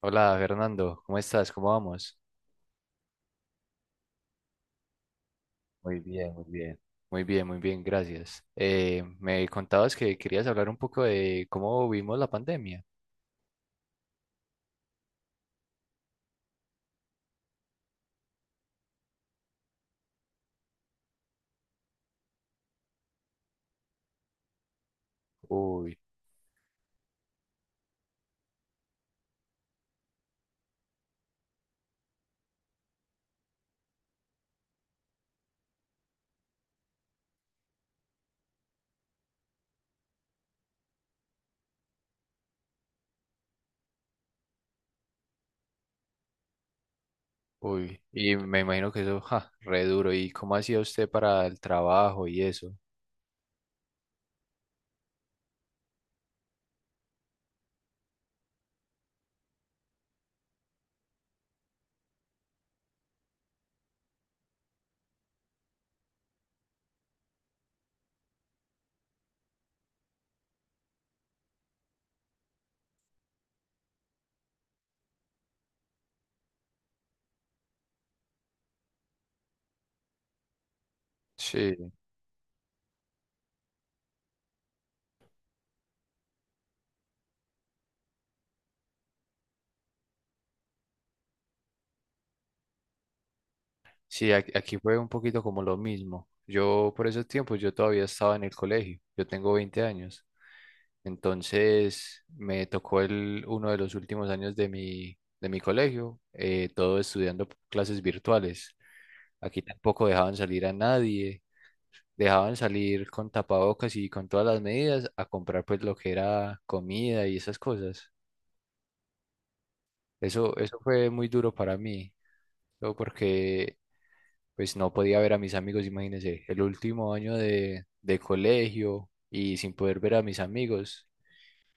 Hola Fernando, ¿cómo estás? ¿Cómo vamos? Muy bien, muy bien. Muy bien, muy bien, gracias. Me contabas que querías hablar un poco de cómo vivimos la pandemia. Uy, y me imagino que eso, ja, re duro. ¿Y cómo hacía usted para el trabajo y eso? Sí, sí, aquí fue un poquito como lo mismo. Yo por esos tiempos, yo todavía estaba en el colegio, yo tengo 20 años. Entonces me tocó el, uno de los últimos años de mi colegio, todo estudiando clases virtuales. Aquí tampoco dejaban salir a nadie, dejaban salir con tapabocas y con todas las medidas a comprar pues lo que era comida y esas cosas. Eso fue muy duro para mí, todo porque pues no podía ver a mis amigos, imagínense, el último año de colegio y sin poder ver a mis amigos,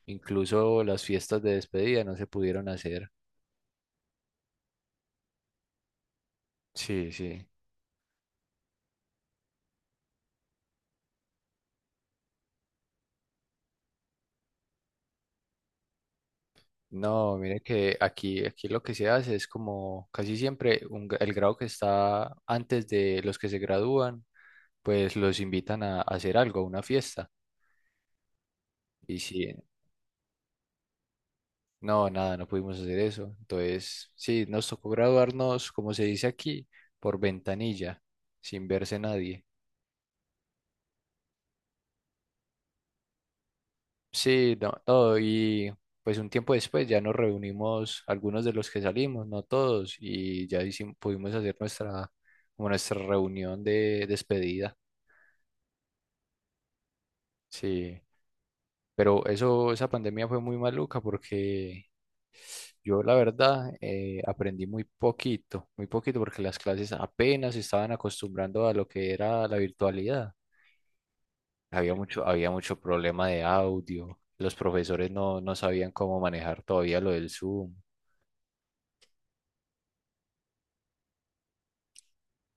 incluso las fiestas de despedida no se pudieron hacer. Sí, sí. No, mire que aquí, aquí lo que se hace es como casi siempre un el grado que está antes de los que se gradúan, pues los invitan a hacer algo, a una fiesta. Y sí, no, nada, no pudimos hacer eso. Entonces, sí, nos tocó graduarnos, como se dice aquí, por ventanilla, sin verse nadie. Sí, no, no, y pues un tiempo después ya nos reunimos algunos de los que salimos, no todos, y ya pudimos hacer nuestra, como nuestra reunión de despedida. Sí, pero eso, esa pandemia fue muy maluca porque yo la verdad aprendí muy poquito porque las clases apenas se estaban acostumbrando a lo que era la virtualidad. Había mucho problema de audio, los profesores no, no sabían cómo manejar todavía lo del Zoom.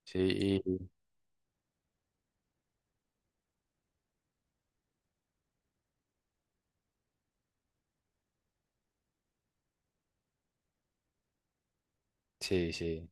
Sí, sí, sí.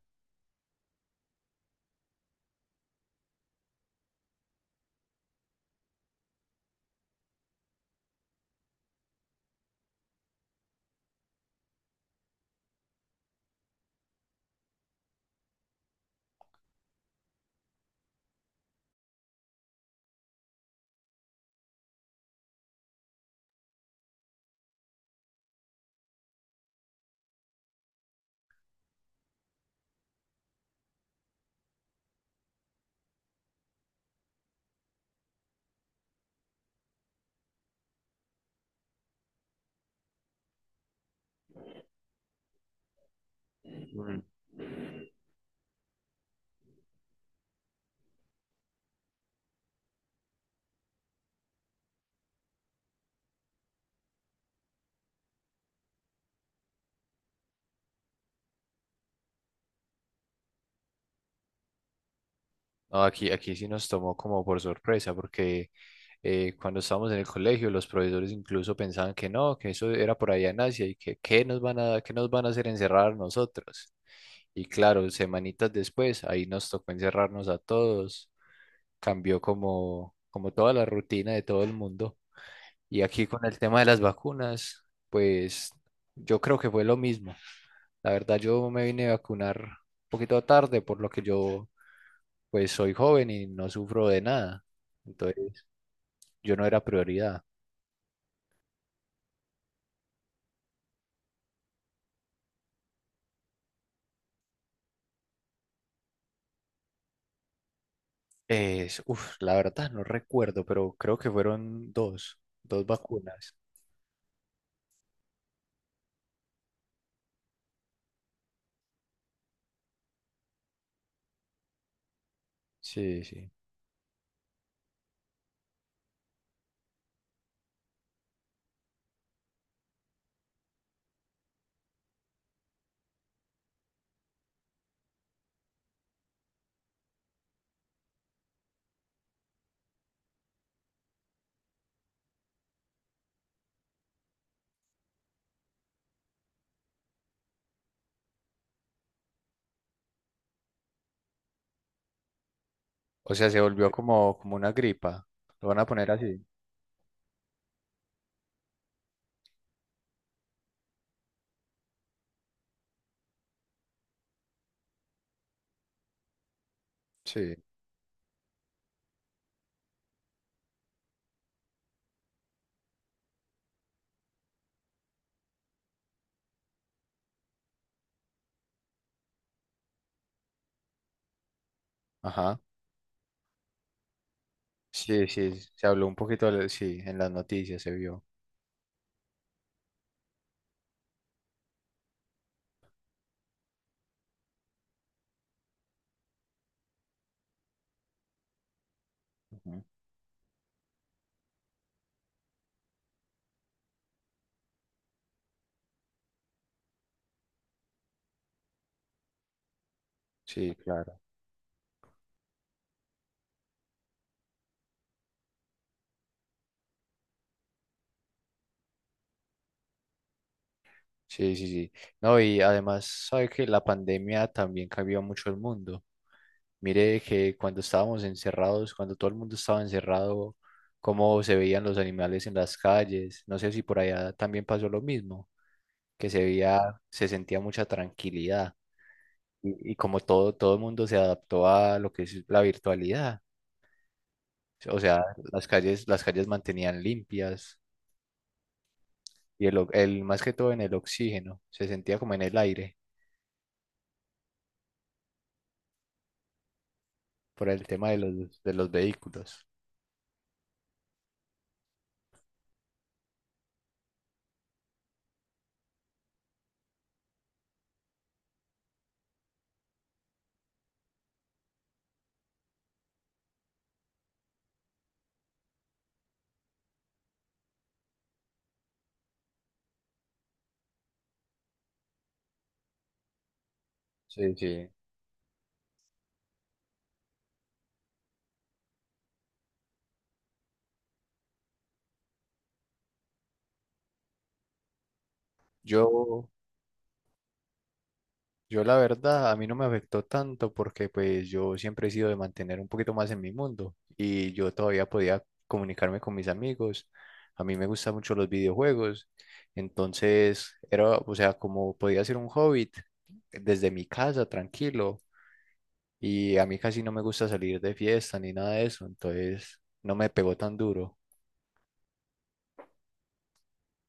Mm. No, aquí, aquí sí nos tomó como por sorpresa, porque cuando estábamos en el colegio, los profesores incluso pensaban que no, que eso era por allá en Asia y que qué nos van a, qué nos van a hacer encerrar nosotros. Y claro, semanitas después, ahí nos tocó encerrarnos a todos, cambió como, como toda la rutina de todo el mundo. Y aquí con el tema de las vacunas, pues yo creo que fue lo mismo. La verdad, yo me vine a vacunar un poquito tarde, por lo que yo pues soy joven y no sufro de nada. Entonces, yo no era prioridad. Es, uf, la verdad no recuerdo, pero creo que fueron dos vacunas. Sí, sí. O sea, se volvió como, como una gripa. Lo van a poner así. Sí, ajá. Sí, sí, se habló un poquito, de- sí, en las noticias se vio. Ujú. Sí, claro. Sí, sí, sí. No, y además, sabe que la pandemia también cambió mucho el mundo. Mire que cuando estábamos encerrados, cuando todo el mundo estaba encerrado, cómo se veían los animales en las calles. No sé si por allá también pasó lo mismo, que se veía, se sentía mucha tranquilidad y como todo, todo el mundo se adaptó a lo que es la virtualidad. O sea, las calles mantenían limpias y el, el, más que todo en el oxígeno, se sentía como en el aire por el tema de los vehículos. Sí, sí. Yo, yo la verdad, a mí no me afectó tanto porque pues yo siempre he sido de mantener un poquito más en mi mundo y yo todavía podía comunicarme con mis amigos. A mí me gustan mucho los videojuegos, entonces era, o sea, como podía ser un hobbit desde mi casa, tranquilo, y a mí casi no me gusta salir de fiesta ni nada de eso, entonces no me pegó tan duro.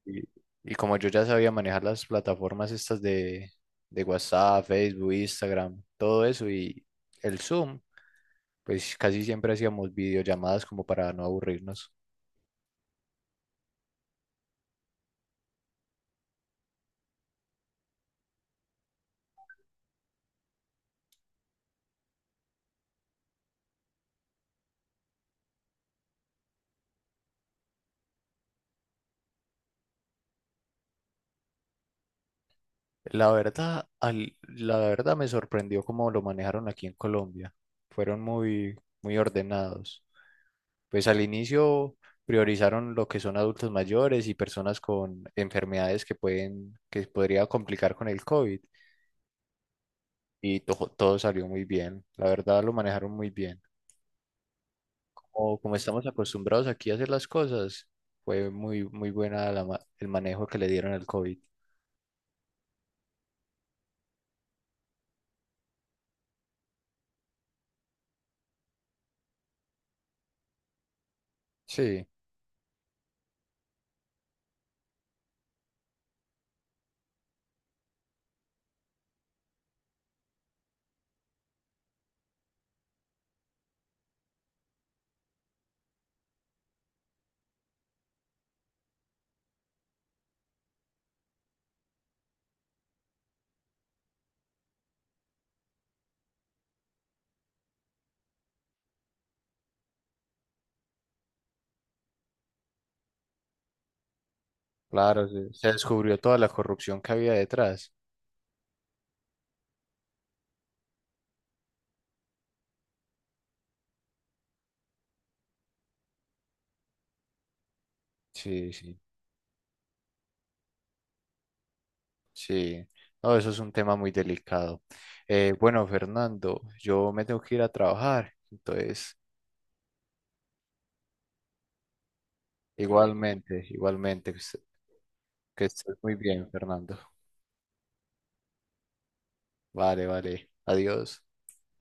Y, y como yo ya sabía manejar las plataformas estas de WhatsApp, Facebook, Instagram, todo eso y el Zoom, pues casi siempre hacíamos videollamadas como para no aburrirnos. La verdad, la verdad me sorprendió cómo lo manejaron aquí en Colombia. Fueron muy, muy ordenados. Pues al inicio priorizaron lo que son adultos mayores y personas con enfermedades que pueden, que podría complicar con el COVID. Y todo salió muy bien. La verdad lo manejaron muy bien. Como, como estamos acostumbrados aquí a hacer las cosas, fue muy, muy buena la el manejo que le dieron al COVID. Sí. Claro, se se descubrió toda la corrupción que había detrás. Sí, sí, sí. No, eso es un tema muy delicado. Bueno, Fernando, yo me tengo que ir a trabajar. Entonces, igualmente, igualmente, que que estés muy bien, Fernando. Vale, vale. Adiós.